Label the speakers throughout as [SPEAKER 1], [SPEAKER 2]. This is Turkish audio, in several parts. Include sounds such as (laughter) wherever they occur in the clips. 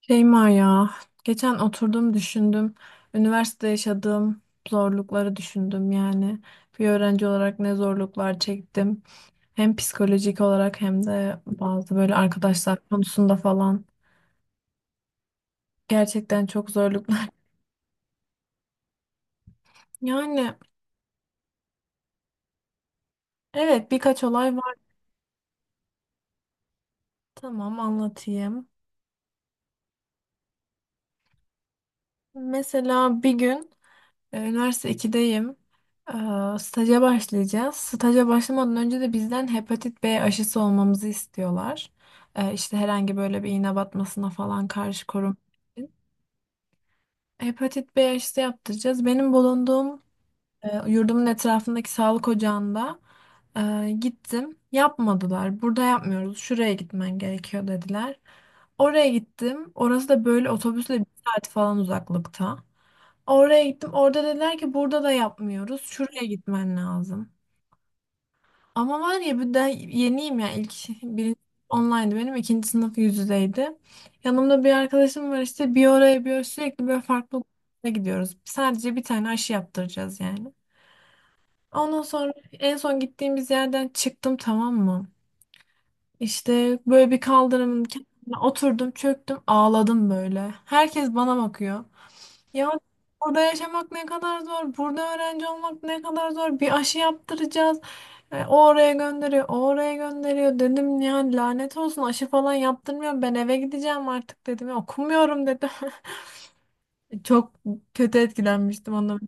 [SPEAKER 1] Şeyma ya, geçen oturdum düşündüm. Üniversite yaşadığım zorlukları düşündüm yani. Bir öğrenci olarak ne zorluklar çektim. Hem psikolojik olarak hem de bazı böyle arkadaşlar konusunda falan. Gerçekten çok zorluklar. (laughs) Yani, evet, birkaç olay var. Tamam, anlatayım. Mesela bir gün. Üniversite ikideyim. E, Staja başlayacağız. Staja başlamadan önce de bizden hepatit B aşısı olmamızı istiyorlar. İşte herhangi böyle bir iğne batmasına falan karşı korun. Hepatit B aşısı yaptıracağız. Benim bulunduğum yurdumun etrafındaki sağlık ocağında gittim. Yapmadılar. Burada yapmıyoruz, şuraya gitmen gerekiyor dediler. Oraya gittim. Orası da böyle otobüsle bir saat falan uzaklıkta. Oraya gittim. Orada dediler ki burada da yapmıyoruz, şuraya gitmen lazım. Ama var ya, bir de yeniyim ya. İlk birinci online'dı benim. İkinci sınıf yüz yüzeydi. Yanımda bir arkadaşım var, işte bir oraya bir oraya sürekli böyle farklı gruplara gidiyoruz. Sadece bir tane aşı yaptıracağız yani. Ondan sonra en son gittiğimiz yerden çıktım, tamam mı? İşte böyle bir kaldırımın kenarına oturdum, çöktüm, ağladım böyle. Herkes bana bakıyor. Ya, burada yaşamak ne kadar zor, burada öğrenci olmak ne kadar zor. Bir aşı yaptıracağız. O oraya gönderiyor, o oraya gönderiyor. Dedim ya, lanet olsun, aşı falan yaptırmıyor. Ben eve gideceğim artık dedim. Ya, okumuyorum dedim. (laughs) Çok kötü etkilenmiştim ondan.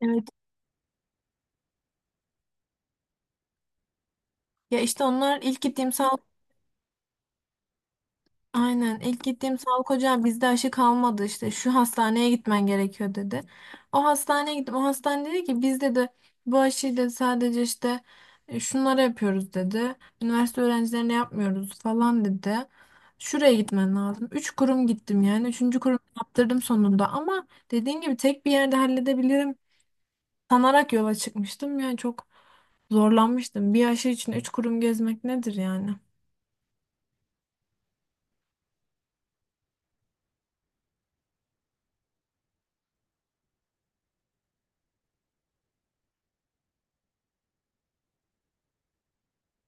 [SPEAKER 1] Evet. Ya işte onlar ilk gittiğim sağlık Aynen, ilk gittiğim sağlık ocağı bizde aşı kalmadı, işte şu hastaneye gitmen gerekiyor dedi. O hastaneye gittim, o hastane dedi ki bizde de bu aşıyı dedi sadece işte şunlara yapıyoruz dedi. Üniversite öğrencilerine yapmıyoruz falan dedi. Şuraya gitmen lazım. Üç kurum gittim yani. Üçüncü kurum yaptırdım sonunda, ama dediğin gibi tek bir yerde halledebilirim sanarak yola çıkmıştım. Yani çok zorlanmıştım. Bir aşı için üç kurum gezmek nedir yani?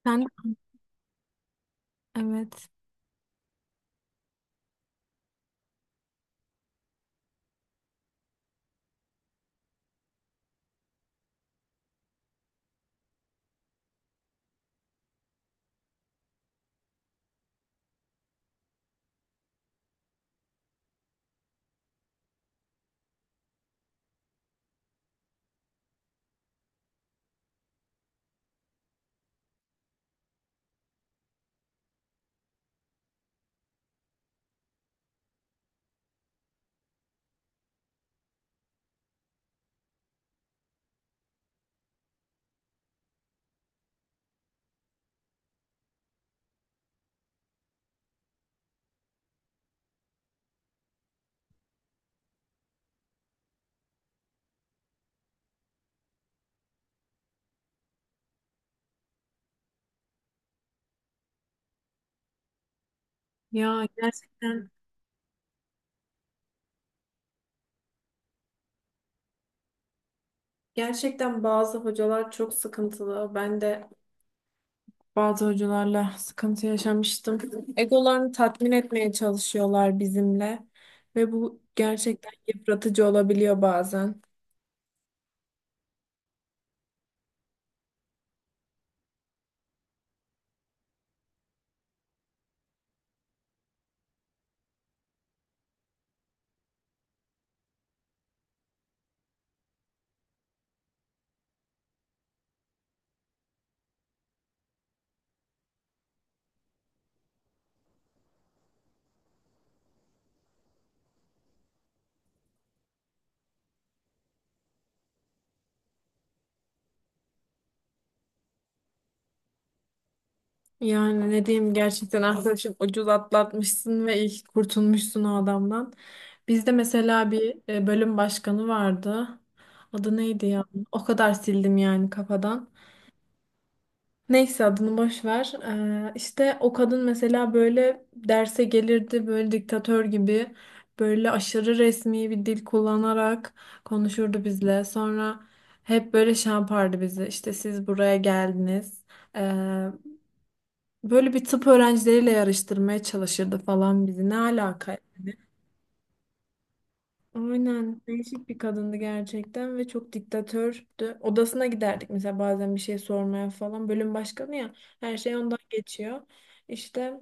[SPEAKER 1] Sen, evet. Ya gerçekten Gerçekten bazı hocalar çok sıkıntılı. Ben de bazı hocalarla sıkıntı yaşamıştım. Egolarını tatmin etmeye çalışıyorlar bizimle ve bu gerçekten yıpratıcı olabiliyor bazen. Yani ne diyeyim, gerçekten arkadaşım, ucuz atlatmışsın ve ilk kurtulmuşsun o adamdan. Bizde mesela bir bölüm başkanı vardı. Adı neydi ya? O kadar sildim yani kafadan. Neyse, adını boş ver. İşte o kadın mesela böyle derse gelirdi, böyle diktatör gibi, böyle aşırı resmi bir dil kullanarak konuşurdu bizle. Sonra hep böyle şey yapardı bizi. İşte siz buraya geldiniz. Ee, Böyle bir tıp öğrencileriyle yarıştırmaya çalışırdı falan bizi. Ne alaka? Aynen, değişik bir kadındı gerçekten ve çok diktatördü. Odasına giderdik mesela bazen bir şey sormaya falan. Bölüm başkanı ya, her şey ondan geçiyor. İşte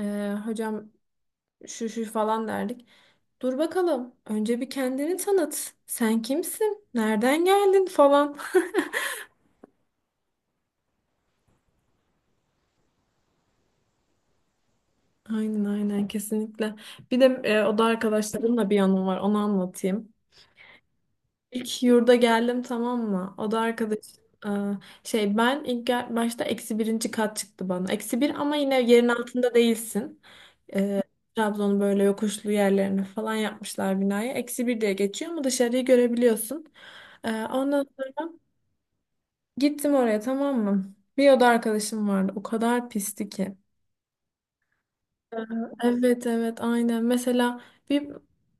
[SPEAKER 1] hocam şu şu falan derdik. Dur bakalım, önce bir kendini tanıt. Sen kimsin? Nereden geldin falan. (laughs) Aynen, aynen, kesinlikle. Bir de oda arkadaşlarımla bir anım var, onu anlatayım. İlk yurda geldim, tamam mı? O da arkadaş, e, şey, ben ilk başta eksi birinci kat çıktı bana. Eksi bir ama yine yerin altında değilsin. E, Trabzon'un böyle yokuşlu yerlerini falan yapmışlar, binaya eksi bir diye geçiyor ama dışarıyı görebiliyorsun. Ondan sonra gittim oraya, tamam mı? Bir oda arkadaşım vardı. O kadar pisti ki. Ee, Evet, evet, aynen. Mesela bir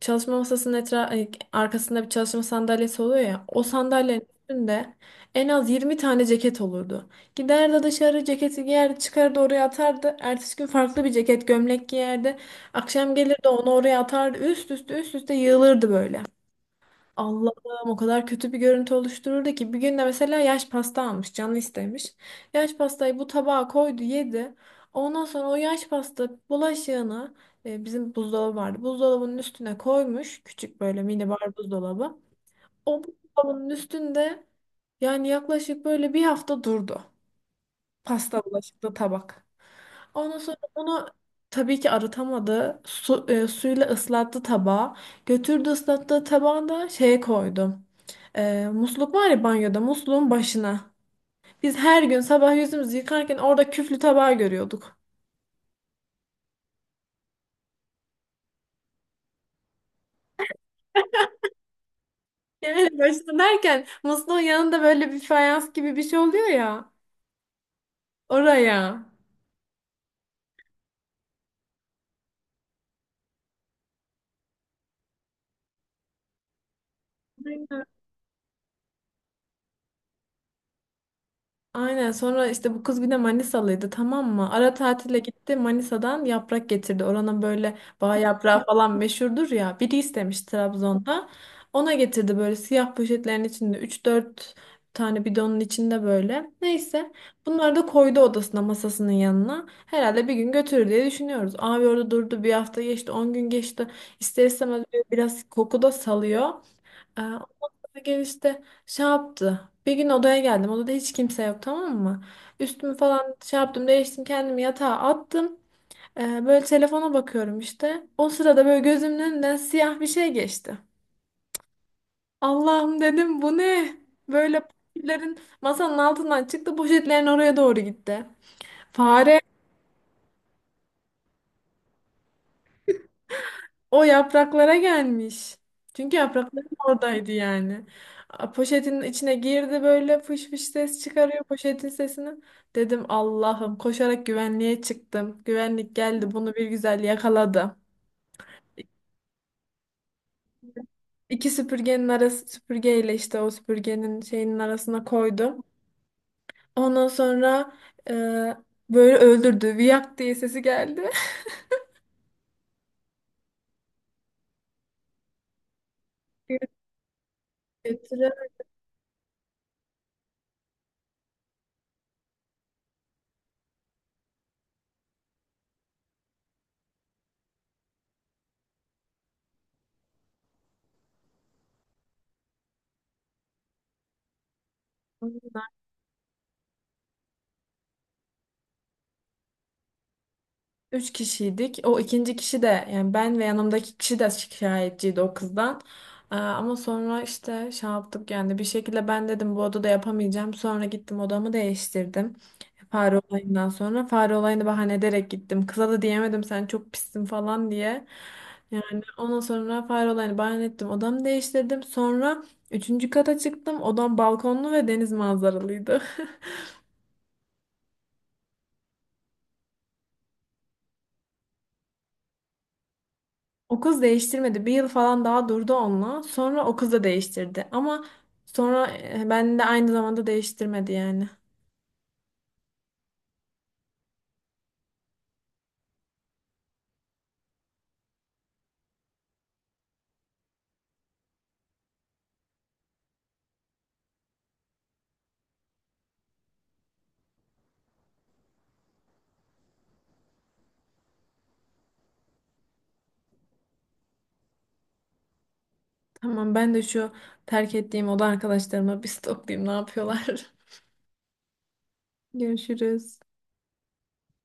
[SPEAKER 1] çalışma masasının arkasında bir çalışma sandalyesi oluyor ya. O sandalyenin üstünde en az 20 tane ceket olurdu. Giderdi dışarı, ceketi giyerdi, çıkardı oraya atardı. Ertesi gün farklı bir ceket, gömlek giyerdi. Akşam gelirdi, onu oraya atardı. Üst üste üst üste yığılırdı böyle. Allah'ım, o kadar kötü bir görüntü oluştururdu ki, bir gün de mesela yaş pasta almış, canı istemiş. Yaş pastayı bu tabağa koydu, yedi. Ondan sonra o yaş pasta bulaşığını, bizim buzdolabı vardı. Buzdolabının üstüne koymuş, küçük böyle minibar buzdolabı. O buzdolabının üstünde yani yaklaşık böyle bir hafta durdu. Pasta bulaşıklı tabak. Ondan sonra onu tabii ki arıtamadı. Suyla ıslattı tabağı. Götürdü, ıslattığı tabağı da şeye koydu. Musluk var ya banyoda, musluğun başına. Biz her gün sabah yüzümüzü yıkarken orada küflü tabağı görüyorduk. Yani başına derken, musluğun yanında böyle bir fayans gibi bir şey oluyor ya. Oraya. Aynen, sonra işte bu kız bir de Manisalıydı, tamam mı? Ara tatile gitti, Manisa'dan yaprak getirdi. Oranın böyle bağ yaprağı falan meşhurdur ya. Biri istemiş Trabzon'da. Ona getirdi böyle siyah poşetlerin içinde, üç dört tane bidonun içinde böyle. Neyse, bunları da koydu odasına, masasının yanına. Herhalde bir gün götürür diye düşünüyoruz. Abi, orada durdu, bir hafta geçti, 10 gün geçti. İster istemez böyle biraz koku da salıyor. Ondan sonra gel işte şey yaptı. Bir gün odaya geldim. Odada hiç kimse yok, tamam mı? Üstümü falan şey yaptım, değiştim, kendimi yatağa attım. Böyle telefona bakıyorum işte. O sırada böyle gözümün önünden siyah bir şey geçti. Allah'ım dedim, bu ne? Böyle poşetlerin masanın altından çıktı, poşetlerin oraya doğru gitti. Fare. O yapraklara gelmiş. Çünkü yaprakları oradaydı yani. A, poşetin içine girdi, böyle fış fış ses çıkarıyor, poşetin sesini. Dedim Allah'ım, koşarak güvenliğe çıktım. Güvenlik geldi, bunu bir güzel yakaladı. İki süpürgenin arası, süpürgeyle işte o süpürgenin şeyinin arasına koydum. Ondan sonra e, böyle öldürdü. Viyak diye sesi geldi. (laughs) Götüre. Üç kişiydik. O ikinci kişi de yani, ben ve yanımdaki kişi de şikayetçiydi o kızdan. Ama sonra işte şey yaptık yani, bir şekilde ben dedim bu odada yapamayacağım. Sonra gittim, odamı değiştirdim. Fare olayından sonra, fare olayını bahane ederek gittim. Kıza da diyemedim sen çok pissin falan diye. Yani ondan sonra fare olayını bahane ettim. Odamı değiştirdim. Sonra üçüncü kata çıktım. Odam balkonlu ve deniz manzaralıydı. (laughs) O kız değiştirmedi. Bir yıl falan daha durdu onunla. Sonra o kız da değiştirdi. Ama sonra ben de aynı zamanda değiştirmedi yani. Tamam, ben de şu terk ettiğim oda arkadaşlarıma bir stoklayayım, ne yapıyorlar. (laughs) Görüşürüz.